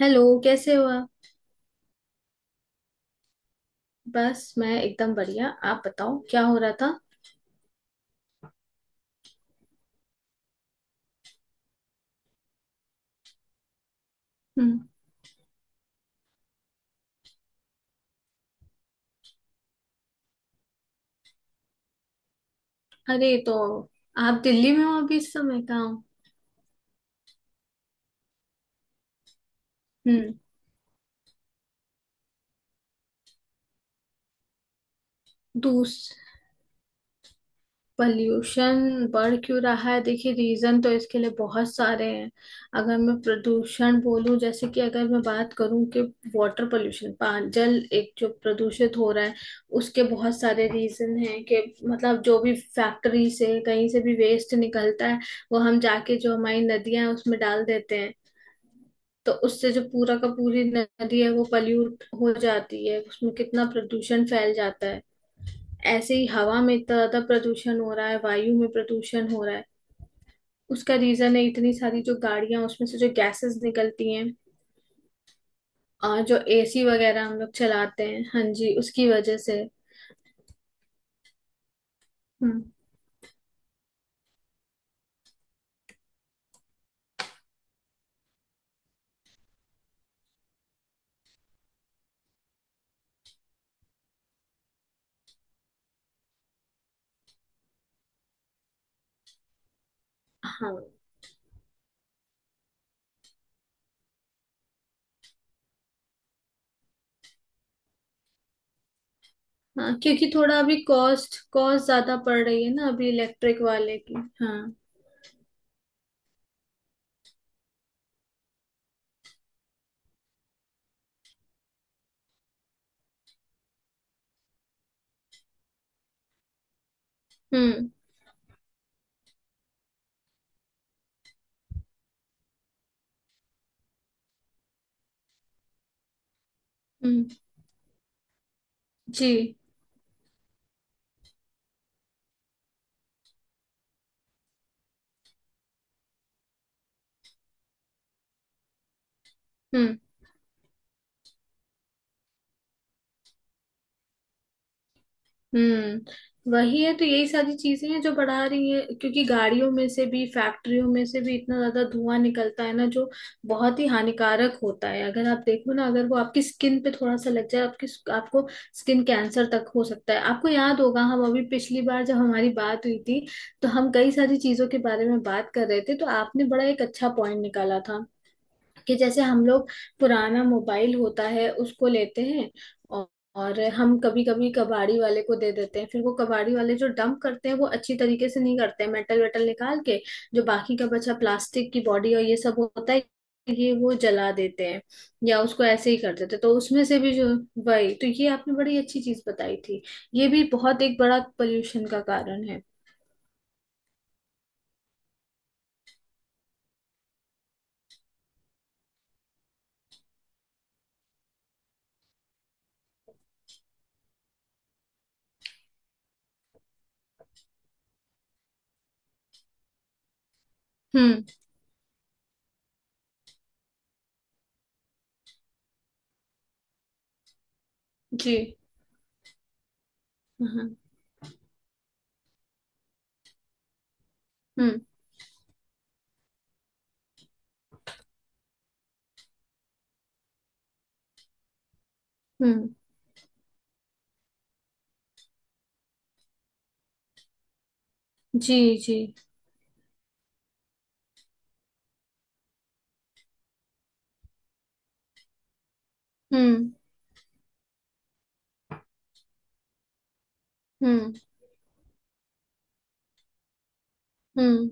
Hello, कैसे हो आप? बस, मैं एकदम बढ़िया। आप बताओ क्या हो रहा था? हम्म। अरे तो आप दिल्ली में हो? अभी इस समय कहाँ हो? हम्म। दूस पॉल्यूशन बढ़ क्यों रहा है? देखिए, रीजन तो इसके लिए बहुत सारे हैं। अगर मैं प्रदूषण बोलूं, जैसे कि अगर मैं बात करूं कि वाटर पोल्यूशन पान जल एक जो प्रदूषित हो रहा है, उसके बहुत सारे रीजन हैं कि मतलब जो भी फैक्ट्री से कहीं से भी वेस्ट निकलता है, वो हम जाके जो हमारी नदियां हैं उसमें डाल देते हैं। तो उससे जो पूरा का पूरी नदी है वो पल्यूट हो जाती है, उसमें कितना प्रदूषण फैल जाता है। ऐसे ही हवा में इतना ज्यादा प्रदूषण हो रहा है, वायु में प्रदूषण हो रहा है। उसका रीजन है इतनी सारी जो गाड़ियां, उसमें से जो गैसेस निकलती हैं, और जो एसी वगैरह हम लोग चलाते हैं, हाँ जी, उसकी वजह से। हम्म। हाँ, हाँ, क्योंकि थोड़ा अभी कॉस्ट कॉस्ट ज्यादा पड़ रही है ना, अभी इलेक्ट्रिक वाले की। हाँ। हम्म। हम्म। जी। हम्म। वही है, तो यही सारी चीजें हैं जो बढ़ा रही है, क्योंकि गाड़ियों में से भी, फैक्ट्रियों में से भी इतना ज्यादा धुआं निकलता है ना, जो बहुत ही हानिकारक होता है। अगर आप देखो ना, अगर वो आपकी स्किन पे थोड़ा सा लग जाए, आपकी आपको स्किन कैंसर तक हो सकता है। आपको याद होगा हम अभी पिछली बार जब हमारी बात हुई थी, तो हम कई सारी चीजों के बारे में बात कर रहे थे, तो आपने बड़ा एक अच्छा पॉइंट निकाला था कि जैसे हम लोग पुराना मोबाइल होता है उसको लेते हैं, और, और हम कभी कभी कबाड़ी वाले को दे देते हैं, फिर वो कबाड़ी वाले जो डंप करते हैं वो अच्छी तरीके से नहीं करते हैं, मेटल वेटल निकाल के जो बाकी का बचा प्लास्टिक की बॉडी और ये सब होता है, ये वो जला देते हैं या उसको ऐसे ही कर देते हैं। तो उसमें से भी जो, वही तो ये आपने बड़ी अच्छी चीज बताई थी, ये भी बहुत एक बड़ा पोल्यूशन का कारण है। हम्म। जी। हाँ। हम्म। हम्म। जी। जी। हम्म। हम्म। हम्म।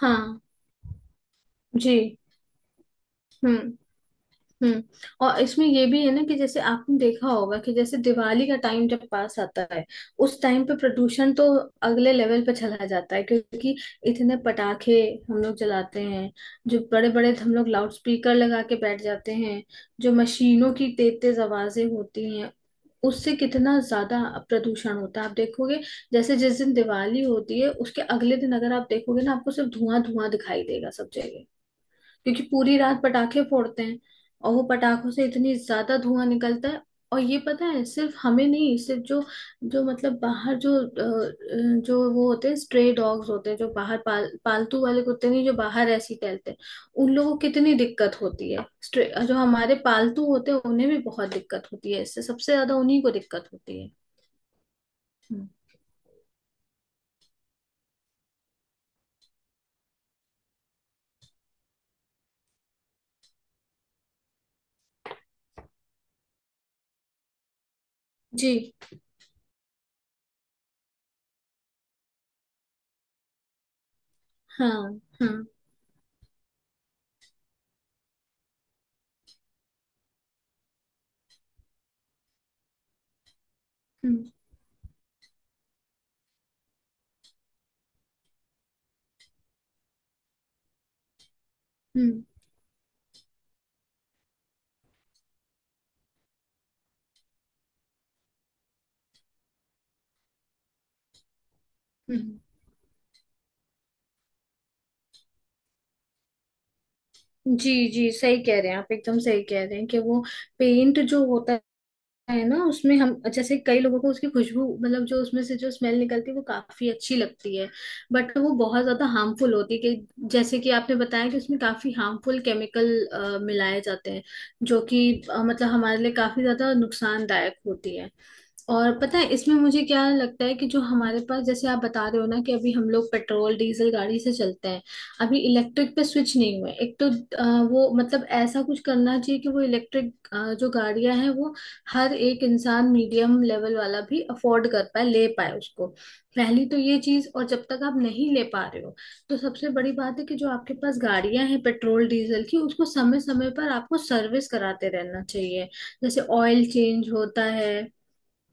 हाँ। जी। हम्म। हम्म। और इसमें ये भी है ना कि जैसे आपने देखा होगा कि जैसे दिवाली का टाइम जब पास आता है, उस टाइम पे प्रदूषण तो अगले लेवल पे चला जाता है, क्योंकि इतने पटाखे हम लोग जलाते हैं, जो बड़े बड़े हम लोग लाउड स्पीकर लगा के बैठ जाते हैं, जो मशीनों की तेज तेज आवाजें होती हैं, उससे कितना ज्यादा प्रदूषण होता है। आप देखोगे, जैसे जिस दिन दिवाली होती है उसके अगले दिन अगर आप देखोगे ना, आपको सिर्फ धुआं धुआं दिखाई देगा सब जगह, क्योंकि पूरी रात पटाखे फोड़ते हैं। और वो पटाखों से इतनी ज्यादा धुआं निकलता है। और ये पता है, सिर्फ हमें नहीं, सिर्फ जो, मतलब बाहर जो जो वो होते हैं, स्ट्रे डॉग्स होते हैं जो बाहर, पालतू वाले कुत्ते नहीं, जो बाहर ऐसे ही टहलते हैं, उन लोगों को कितनी दिक्कत होती है। स्ट्रे जो हमारे पालतू होते हैं उन्हें भी बहुत दिक्कत होती है, इससे सबसे ज्यादा उन्हीं को दिक्कत होती है। हम्म। जी। हाँ। हाँ। हम्म। हम्म। हम्म। जी, जी, सही कह रहे हैं आप, एकदम सही कह रहे हैं कि वो पेंट जो होता है ना, उसमें हम जैसे कई लोगों को उसकी खुशबू, मतलब जो उसमें से जो स्मेल निकलती है वो काफी अच्छी लगती है, बट वो बहुत ज्यादा हार्मफुल होती है कि जैसे कि आपने बताया कि उसमें काफी हार्मफुल केमिकल मिलाए जाते हैं, जो कि मतलब हमारे लिए काफी ज्यादा नुकसानदायक होती है। और पता है इसमें मुझे क्या लगता है कि जो हमारे पास, जैसे आप बता रहे हो ना, कि अभी हम लोग पेट्रोल डीजल गाड़ी से चलते हैं, अभी इलेक्ट्रिक पे स्विच नहीं हुए, एक तो वो मतलब ऐसा कुछ करना चाहिए कि वो इलेक्ट्रिक जो गाड़ियां हैं वो हर एक इंसान, मीडियम लेवल वाला भी अफोर्ड कर पाए, ले पाए उसको। पहली तो ये चीज, और जब तक आप नहीं ले पा रहे हो, तो सबसे बड़ी बात है कि जो आपके पास गाड़ियां हैं पेट्रोल डीजल की, उसको समय समय पर आपको सर्विस कराते रहना चाहिए, जैसे ऑयल चेंज होता है।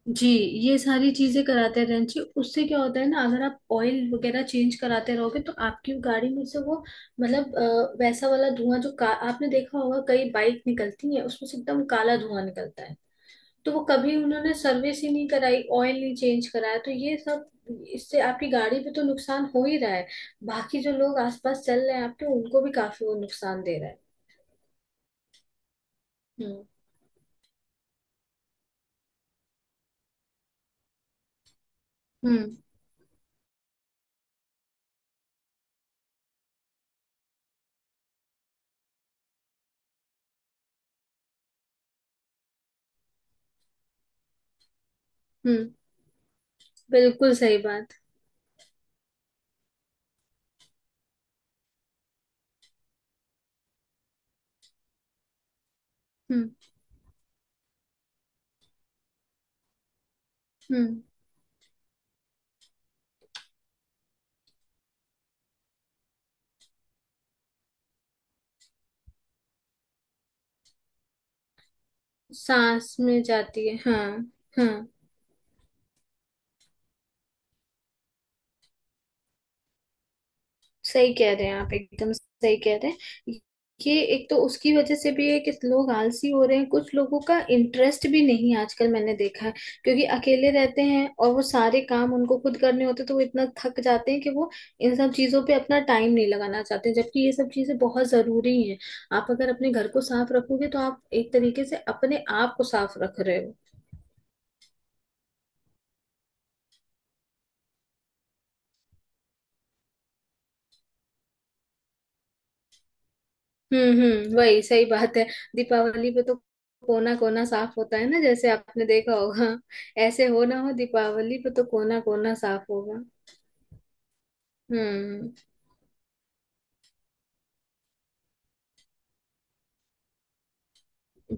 जी। ये सारी चीजें कराते रहना चाहिए, उससे क्या होता है ना, अगर आप ऑयल वगैरह चेंज कराते रहोगे तो आपकी गाड़ी में से वो, मतलब वैसा वाला धुआं, जो का आपने देखा होगा कई बाइक निकलती है उसमें से एकदम काला धुआं निकलता है, तो वो कभी उन्होंने सर्विस ही नहीं कराई, ऑयल नहीं चेंज कराया, तो ये सब, इससे आपकी गाड़ी पे तो नुकसान हो ही रहा है, बाकी जो लोग आसपास चल रहे हैं आपके, उनको भी काफी वो नुकसान दे रहा है। हम्म। हम्म। हम्म। बिल्कुल सही बात। हम्म। हम्म। सांस में जाती है, हाँ। हाँ। सही कह रहे हैं आप, एकदम सही कह रहे हैं। ये एक तो उसकी वजह से भी है कि लोग आलसी हो रहे हैं, कुछ लोगों का इंटरेस्ट भी नहीं है आजकल, मैंने देखा है, क्योंकि अकेले रहते हैं और वो सारे काम उनको खुद करने होते हैं, तो वो इतना थक जाते हैं कि वो इन सब चीजों पे अपना टाइम नहीं लगाना चाहते, जबकि ये सब चीजें बहुत जरूरी हैं। आप अगर अपने घर को साफ रखोगे तो आप एक तरीके से अपने आप को साफ रख रहे हो। हम्म। वही सही बात है, दीपावली पे तो कोना कोना साफ होता है ना, जैसे आपने देखा होगा, ऐसे हो ना हो, दीपावली पे तो कोना कोना साफ होगा। हम्म।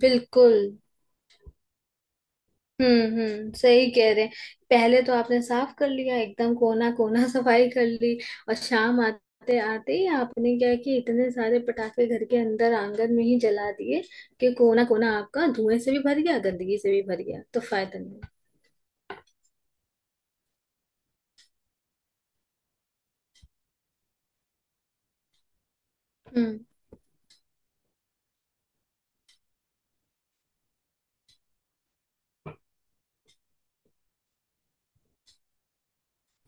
बिल्कुल। हम्म। हम्म, सही कह रहे हैं। पहले तो आपने साफ कर लिया एकदम कोना कोना सफाई कर ली, और शाम आते आते ही आपने क्या कि इतने सारे पटाखे घर के अंदर आंगन में ही जला दिए, कि कोना कोना आपका धुएं से भी भर गया, गंदगी से भी भर गया, तो फायदा नहीं। हम्म।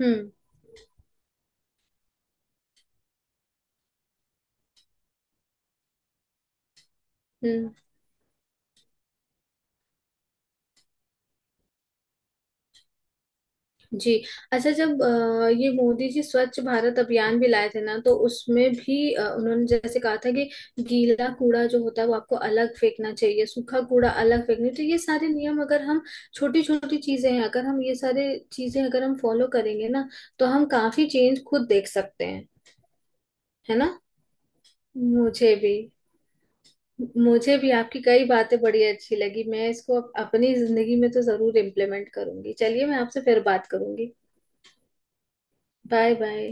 हम्म। हम्म। जी। अच्छा, जब ये मोदी जी स्वच्छ भारत अभियान भी लाए थे ना, तो उसमें भी उन्होंने जैसे कहा था कि गीला कूड़ा जो होता है वो आपको अलग फेंकना चाहिए, सूखा कूड़ा अलग फेंकना चाहिए, तो ये सारे नियम अगर हम, छोटी छोटी चीजें हैं, अगर हम ये सारे चीजें अगर हम फॉलो करेंगे ना, तो हम काफी चेंज खुद देख सकते हैं। है ना। मुझे भी मुझे भी आपकी कई बातें बड़ी अच्छी लगी, मैं इसको अपनी जिंदगी में तो जरूर इम्प्लीमेंट करूंगी। चलिए, मैं आपसे फिर बात करूंगी। Bye bye.